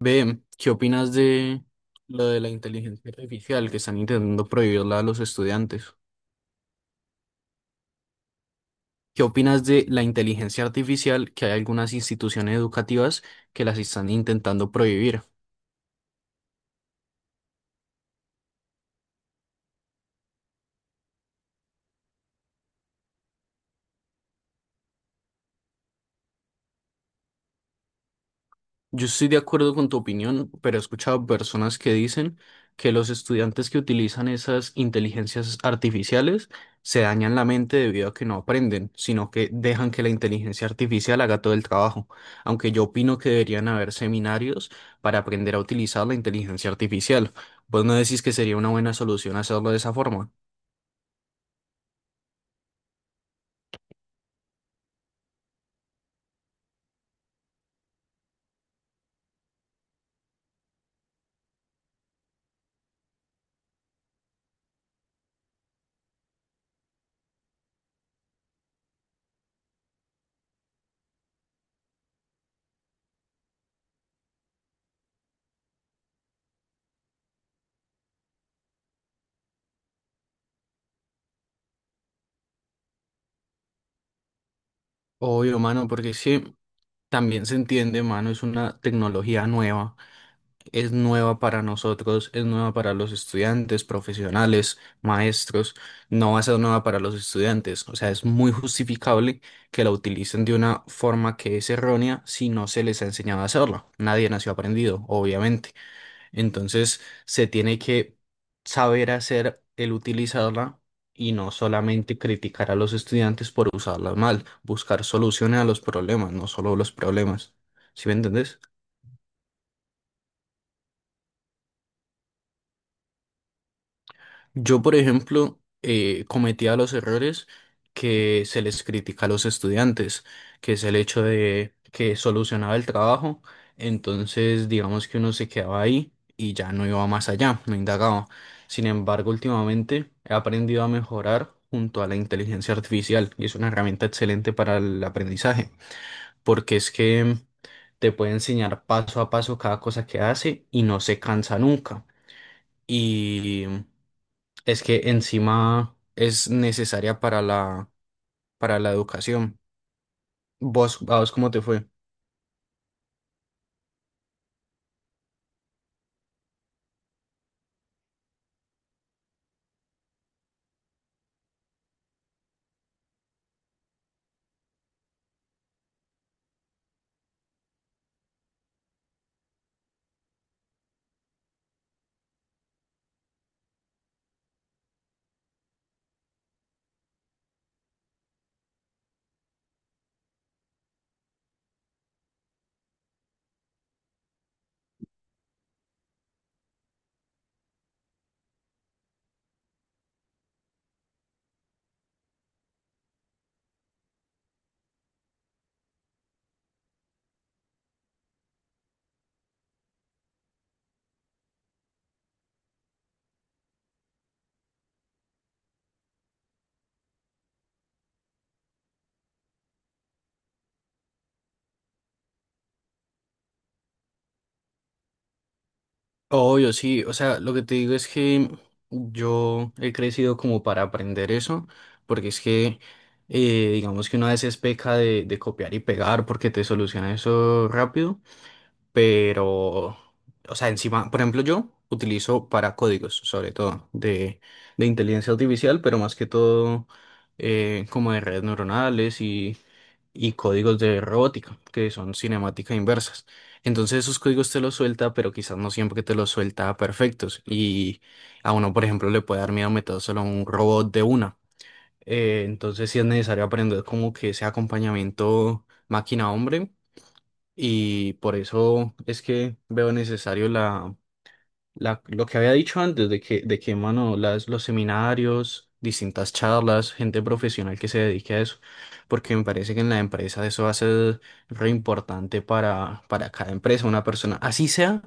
Ve, ¿qué opinas de lo de la inteligencia artificial que están intentando prohibirla a los estudiantes? ¿Qué opinas de la inteligencia artificial que hay algunas instituciones educativas que las están intentando prohibir? Yo estoy de acuerdo con tu opinión, pero he escuchado personas que dicen que los estudiantes que utilizan esas inteligencias artificiales se dañan la mente debido a que no aprenden, sino que dejan que la inteligencia artificial haga todo el trabajo. Aunque yo opino que deberían haber seminarios para aprender a utilizar la inteligencia artificial. ¿Vos no decís que sería una buena solución hacerlo de esa forma? Obvio, mano, porque sí, también se entiende, mano, es una tecnología nueva, es nueva para nosotros, es nueva para los estudiantes, profesionales, maestros, no va a ser nueva para los estudiantes. O sea, es muy justificable que la utilicen de una forma que es errónea si no se les ha enseñado a hacerlo. Nadie nació aprendido, obviamente. Entonces, se tiene que saber hacer el utilizarla. Y no solamente criticar a los estudiantes por usarla mal, buscar soluciones a los problemas, no solo los problemas. ¿Sí me entendés? Yo, por ejemplo, cometía los errores que se les critica a los estudiantes, que es el hecho de que solucionaba el trabajo, entonces digamos que uno se quedaba ahí y ya no iba más allá, no indagaba. Sin embargo, últimamente he aprendido a mejorar junto a la inteligencia artificial y es una herramienta excelente para el aprendizaje, porque es que te puede enseñar paso a paso cada cosa que hace y no se cansa nunca. Y es que encima es necesaria para la educación. ¿Vos, a vos cómo te fue? Obvio, sí. O sea, lo que te digo es que yo he crecido como para aprender eso, porque es que, digamos que una vez es peca de, copiar y pegar porque te soluciona eso rápido, pero, o sea, encima, por ejemplo, yo utilizo para códigos, sobre todo, de inteligencia artificial, pero más que todo como de redes neuronales y códigos de robótica, que son cinemáticas inversas. Entonces esos códigos te los suelta, pero quizás no siempre te los suelta perfectos. Y a uno, por ejemplo, le puede dar miedo meter solo a un robot de una. Entonces sí es necesario aprender como que ese acompañamiento máquina-hombre. Y por eso es que veo necesario lo que había dicho antes de que, mano, las, los seminarios, distintas charlas, gente profesional que se dedique a eso, porque me parece que en la empresa eso va a ser re importante para cada empresa, una persona, así sea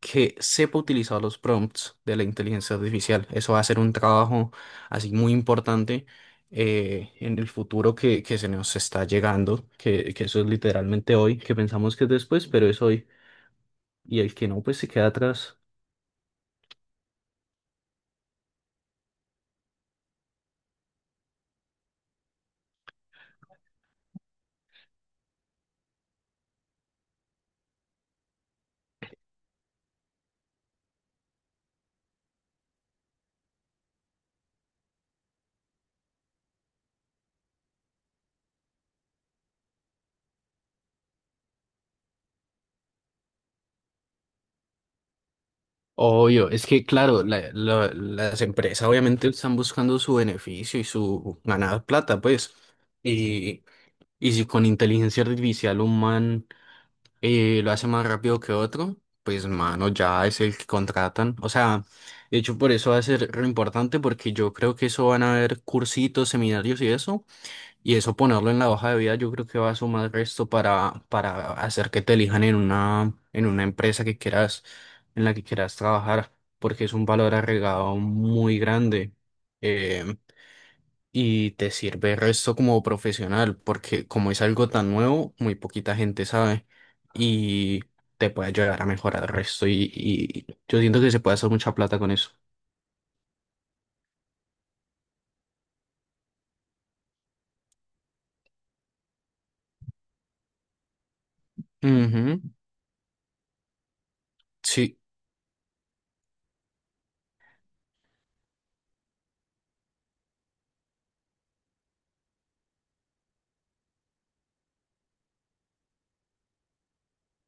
que sepa utilizar los prompts de la inteligencia artificial. Eso va a ser un trabajo así muy importante, en el futuro que, se nos está llegando, que eso es literalmente hoy, que pensamos que es después, pero es hoy, y el que no, pues se queda atrás. Obvio, es que claro, las empresas obviamente están buscando su beneficio y su ganar plata, pues. Y, y si con inteligencia artificial un man lo hace más rápido que otro, pues mano, ya es el que contratan. O sea, de hecho por eso va a ser re importante porque yo creo que eso van a haber cursitos, seminarios y eso ponerlo en la hoja de vida, yo creo que va a sumar resto para, hacer que te elijan en una empresa que quieras, en la que quieras trabajar, porque es un valor agregado muy grande. eh, y te sirve resto como profesional, porque como es algo tan nuevo, muy poquita gente sabe. Y te puede ayudar a mejorar el resto. Y yo siento que se puede hacer mucha plata con eso. Ujú, sí.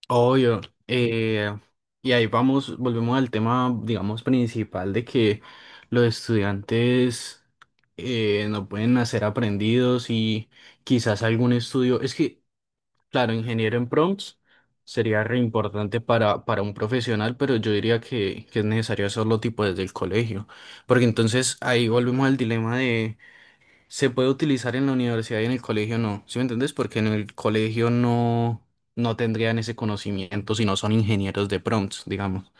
Obvio. eh, y ahí vamos, volvemos al tema, digamos, principal de que los estudiantes no pueden nacer aprendidos y quizás algún estudio. Es que, claro, ingeniero en prompts sería re importante para, un profesional, pero yo diría que es necesario hacerlo tipo desde el colegio. Porque entonces ahí volvemos al dilema de se puede utilizar en la universidad y en el colegio no. ¿Sí me entendés? Porque en el colegio no, no tendrían ese conocimiento si no son ingenieros de prompts, digamos.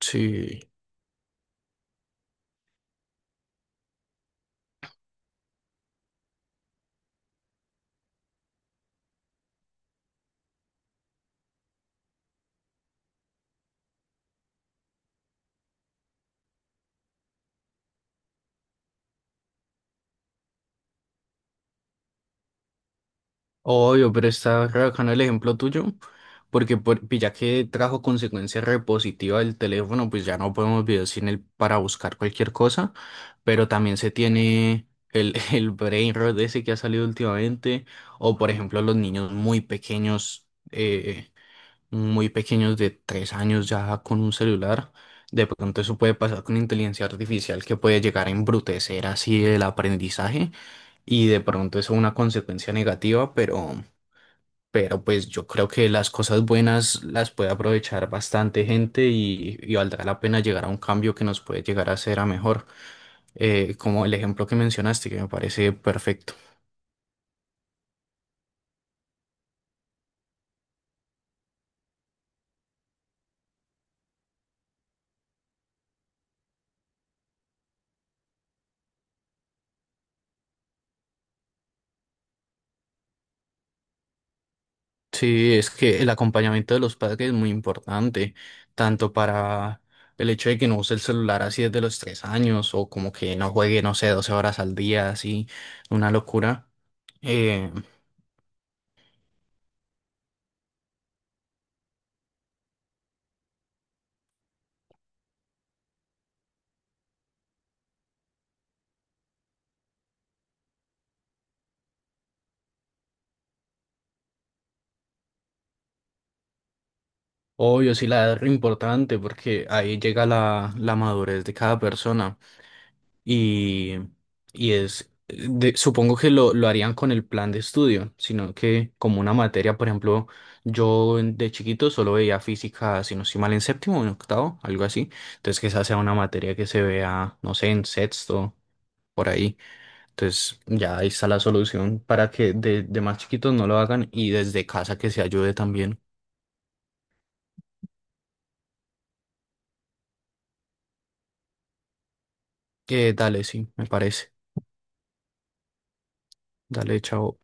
Sí, obvio, pero está re bacano el ejemplo tuyo, porque por- ya que trajo consecuencia repositiva del teléfono, pues ya no podemos vivir sin él para buscar cualquier cosa, pero también se tiene el, el brain rot ese que ha salido últimamente, o por ejemplo los niños muy pequeños. Muy pequeños de 3 años ya con un celular. De pronto eso puede pasar con inteligencia artificial que puede llegar a embrutecer así el aprendizaje y de pronto eso es una consecuencia negativa, pero, pues yo creo que las cosas buenas las puede aprovechar bastante gente y valdrá la pena llegar a un cambio que nos puede llegar a hacer a mejor. Como el ejemplo que mencionaste que me parece perfecto. Sí, es que el acompañamiento de los padres es muy importante, tanto para el hecho de que no use el celular así desde los 3 años o como que no juegue, no sé, 12 horas al día, así, una locura. Eh, obvio, sí, la edad es re importante porque ahí llega la, la madurez de cada persona. y, y supongo que lo, harían con el plan de estudio, sino que como una materia, por ejemplo, yo de chiquito solo veía física, si no estoy mal, en séptimo o en octavo, algo así. Entonces que esa sea una materia que se vea, no sé, en sexto, por ahí. Entonces ya ahí está la solución para que de, más chiquitos no lo hagan y desde casa que se ayude también. Dale, sí, me parece. Dale, chao.